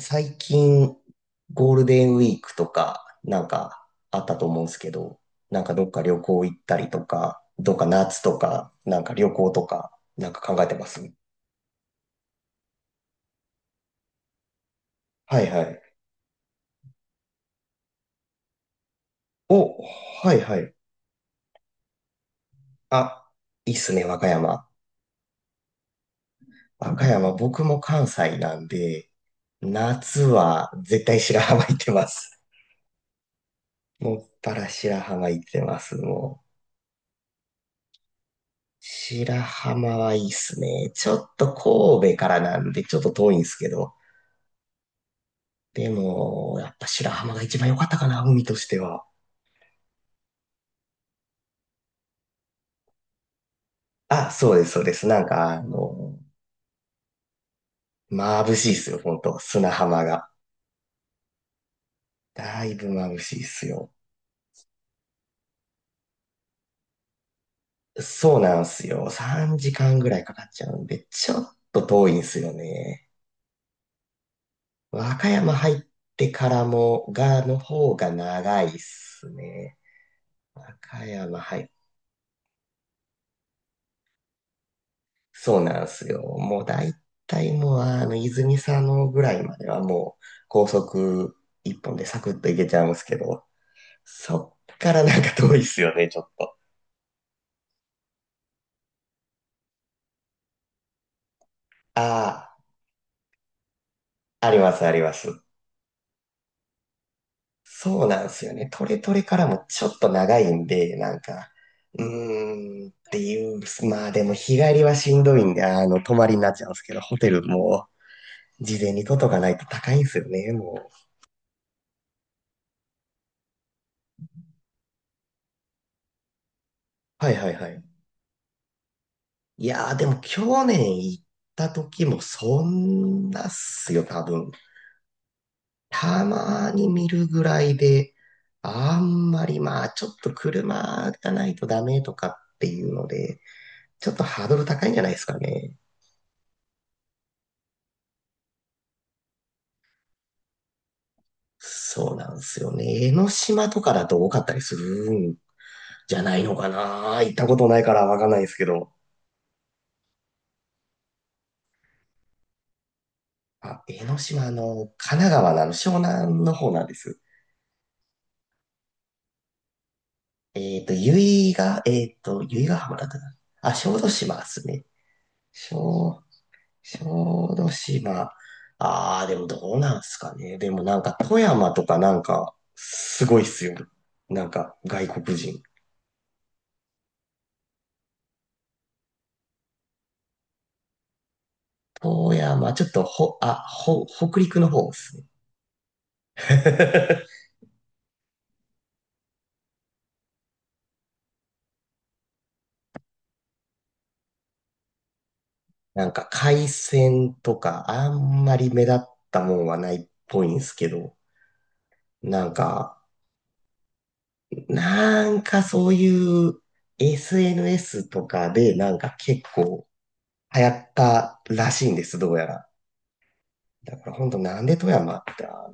最近、ゴールデンウィークとか、なんかあったと思うんですけど、なんかどっか旅行行ったりとか、どっか夏とか、なんか旅行とか、なんか考えてます。はいはい。お、はいはい。あ、いいっすね、和歌山。和歌山、僕も関西なんで、夏は絶対白浜行ってます。もっぱら白浜行ってます、もう。白浜はいいっすね。ちょっと神戸からなんで、ちょっと遠いんですけど。でも、やっぱ白浜が一番良かったかな、海としては。あ、そうです、そうです。なんか、眩しいっすよ、本当砂浜が。だいぶ眩しいっすよ。そうなんすよ。3時間ぐらいかかっちゃうんで、ちょっと遠いんすよね。和歌山入ってからも、が、の方が長いっすね。和歌山入っそうなんすよ。もう大体もう、泉佐野ぐらいまではもう、高速一本でサクッと行けちゃうんすけど、そっからなんか遠いっすよね、ちょっと。ああ、ありますあります。そうなんですよね。トレトレからもちょっと長いんで、なんか、うーんっていう、まあでも日帰りはしんどいんで、泊まりになっちゃうんですけど、ホテルも事前に取っとかないと高いんですよね、もう。はいはいはい。いやーでも去年行った時もそんなっすよ、多分。たまに見るぐらいで、あんまりまあ、ちょっと車がないとダメとかっていうので、ちょっとハードル高いんじゃないですかね。そうなんですよね。江ノ島とかだと多かったりするんじゃないのかな。行ったことないからわかんないですけど。あ、江ノ島の、神奈川のあの湘南の方なんです。由比ヶ浜だったかな。あ、小豆島ですね。小小豆島。ああ、でもどうなんすかね。でもなんか富山とかなんかすごいっすよ。なんか外国人。富山、ちょっとほ、あ、ほ、北陸の方っすね。なんか海鮮とかあんまり目立ったもんはないっぽいんすけど。なんか、なんかそういう SNS とかでなんか結構流行ったらしいんです、どうやら。だから本当なんで富山って、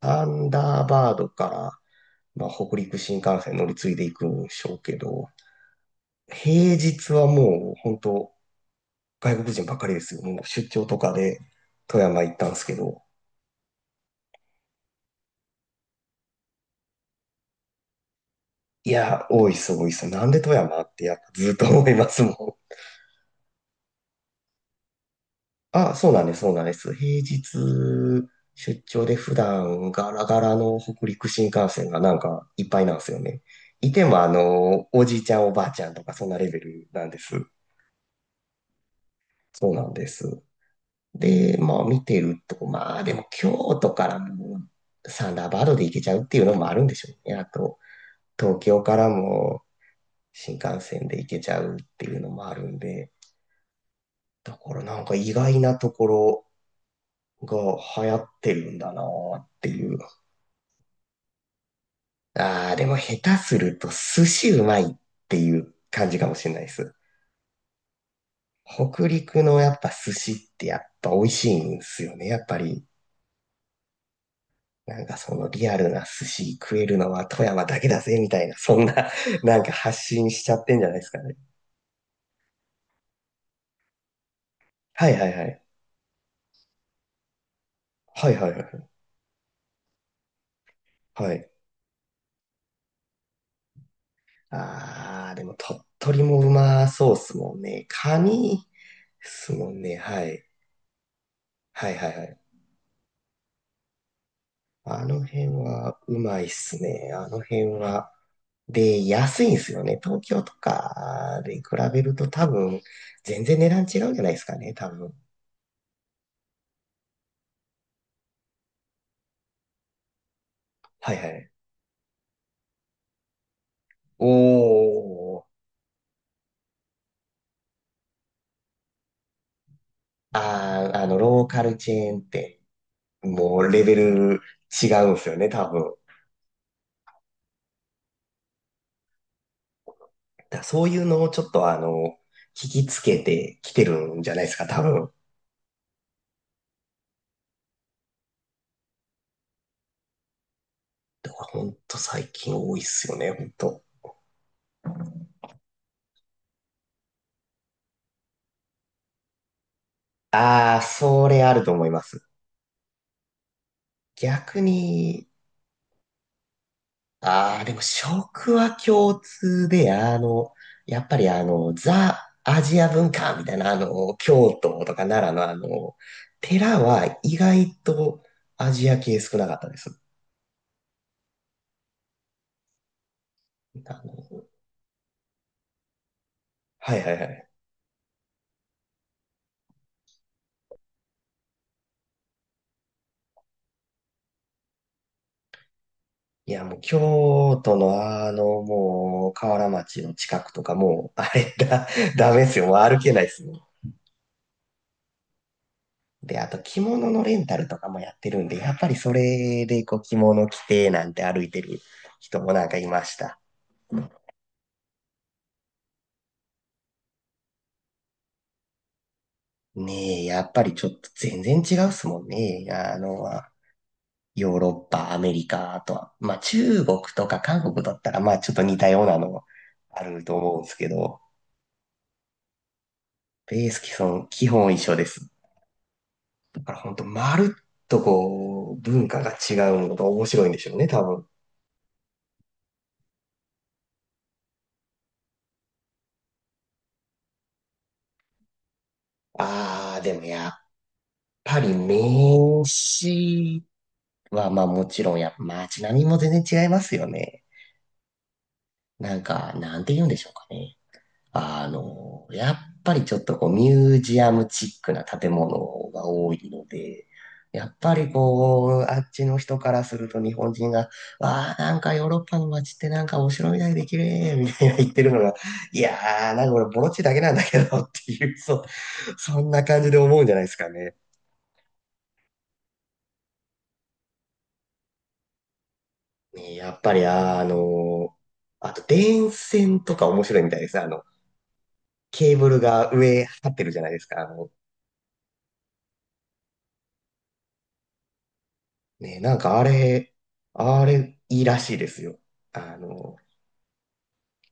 サンダーバードから、まあ、北陸新幹線乗り継いでいくんでしょうけど、平日はもう本当外国人ばっかりですよ。もう出張とかで富山行ったんですけど、いや、多いっす、多いっす。なんで富山ってやっぱずっと思いますもん。あ、そうなんです、そうなんです。平日出張で普段ガラガラの北陸新幹線がなんかいっぱいなんですよね。いてもおじいちゃんおばあちゃんとかそんなレベルなんです。そうなんです。で、まあ見てると、まあでも京都からもサンダーバードで行けちゃうっていうのもあるんでしょうね。あと、東京からも新幹線で行けちゃうっていうのもあるんで、だからなんか意外なところが流行ってるんだなっていう。ああ、でも下手すると寿司うまいっていう感じかもしれないです。北陸のやっぱ寿司ってやっぱ美味しいんですよね。やっぱり、なんかそのリアルな寿司食えるのは富山だけだぜみたいな、そんな なんか発信しちゃってんじゃないですかね。はいはいはい。はいはいはい。はい。ああ、でも鳥取もうまそうっすもんね。カニですもんね。はい。はいはいはい。あの辺はうまいっすね。あの辺は。で、安いんですよね。東京とかで比べると多分、全然値段違うんじゃないですかね、多分。はいはい。おー。ローカルチェーンって、もうレベル違うんですよね、多分。だからそういうのをちょっと聞きつけてきてるんじゃないですか、多分。これほんと最近多いっすよね、ほんと。あー、それあると思います。逆に、ああ、でも食は共通で、やっぱりザ・アジア文化みたいな、京都とか奈良の寺は意外とアジア系少なかったです。あの、はいはいはい。いや、もう京都のもう、河原町の近くとかもう、あれだ、ダメですよ。もう歩けないですよ。で、あと着物のレンタルとかもやってるんで、やっぱりそれでこう着物着てなんて歩いてる人もなんかいました。ねえ、やっぱりちょっと全然違うっすもんね。ヨーロッパ、アメリカ、あとは、まあ中国とか韓国だったら、まあちょっと似たようなのあると思うんですけど、ベース基本一緒です。だから本当まるっとこう、文化が違うのが面白いんでしょうね、多分。ああ、でもやっぱり名詞は、まあもちろん街並みも全然違いますよね。なんか、なんて言うんでしょうかね。やっぱりちょっとこうミュージアムチックな建物が多いので、やっぱりこう、あっちの人からすると日本人が、わあ、なんかヨーロッパの街ってなんかお城みたいで綺麗みたいな言ってるのが、いやー、なんか俺ボロチだけなんだけどっていう、そう、そんな感じで思うんじゃないですかね。ねやっぱり、ー、あと電線とか面白いみたいですね。ケーブルが上張ってるじゃないですか。ね、なんかあれいいらしいですよ。あの、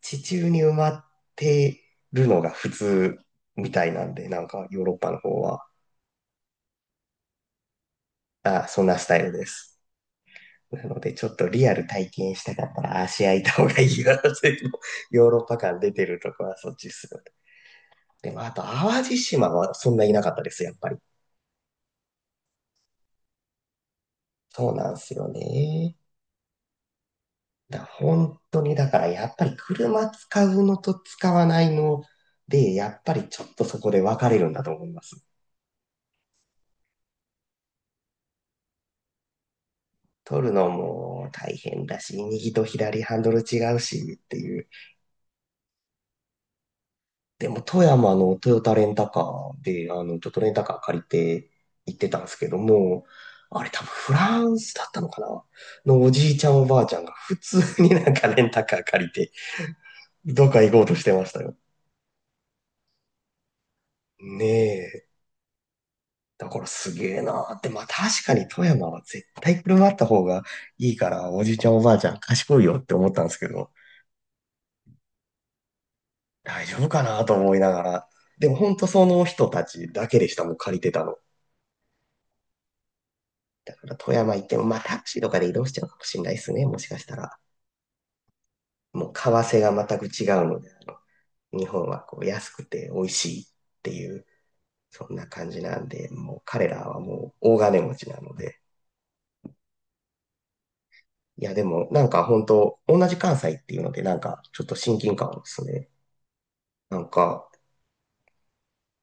地中に埋まってるのが普通みたいなんで、なんかヨーロッパの方は、あ、そんなスタイルです。なので、ちょっとリアル体験したかったら足開いた方がいいよ。全部ヨーロッパ感出てるとこはそっちっすよね。でも、あと、淡路島はそんないなかったです、やっぱり。そうなんすよね。本当にだからやっぱり車使うのと使わないので、やっぱりちょっとそこで分かれるんだと思います。取るのも大変だし、右と左ハンドル違うしっていう。でも富山のトヨタレンタカーで、ちょっとレンタカー借りて行ってたんですけども、あれ多分フランスだったのかなのおじいちゃんおばあちゃんが普通になんかレンタカー借りて、どっか行こうとしてましたよ。ねえ、だからすげえなーって、まあ確かに富山は絶対車あった方がいいから、おじいちゃんおばあちゃん賢いよって思ったんですけど、大丈夫かなと思いながら、でも本当その人たちだけでした、もう借りてたの。だから富山行っても、まあタクシーとかで移動しちゃうかもしれないですね、もしかしたら。もう為替が全く違うので、日本はこう安くて美味しいっていう、そんな感じなんで、もう彼らはもう大金持ちなので、いや、でも、なんか本当同じ関西っていうので、なんか、ちょっと親近感ですね。なんか、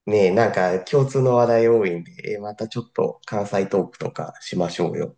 ねえ、なんか共通の話題多いんで、またちょっと関西トークとかしましょうよ。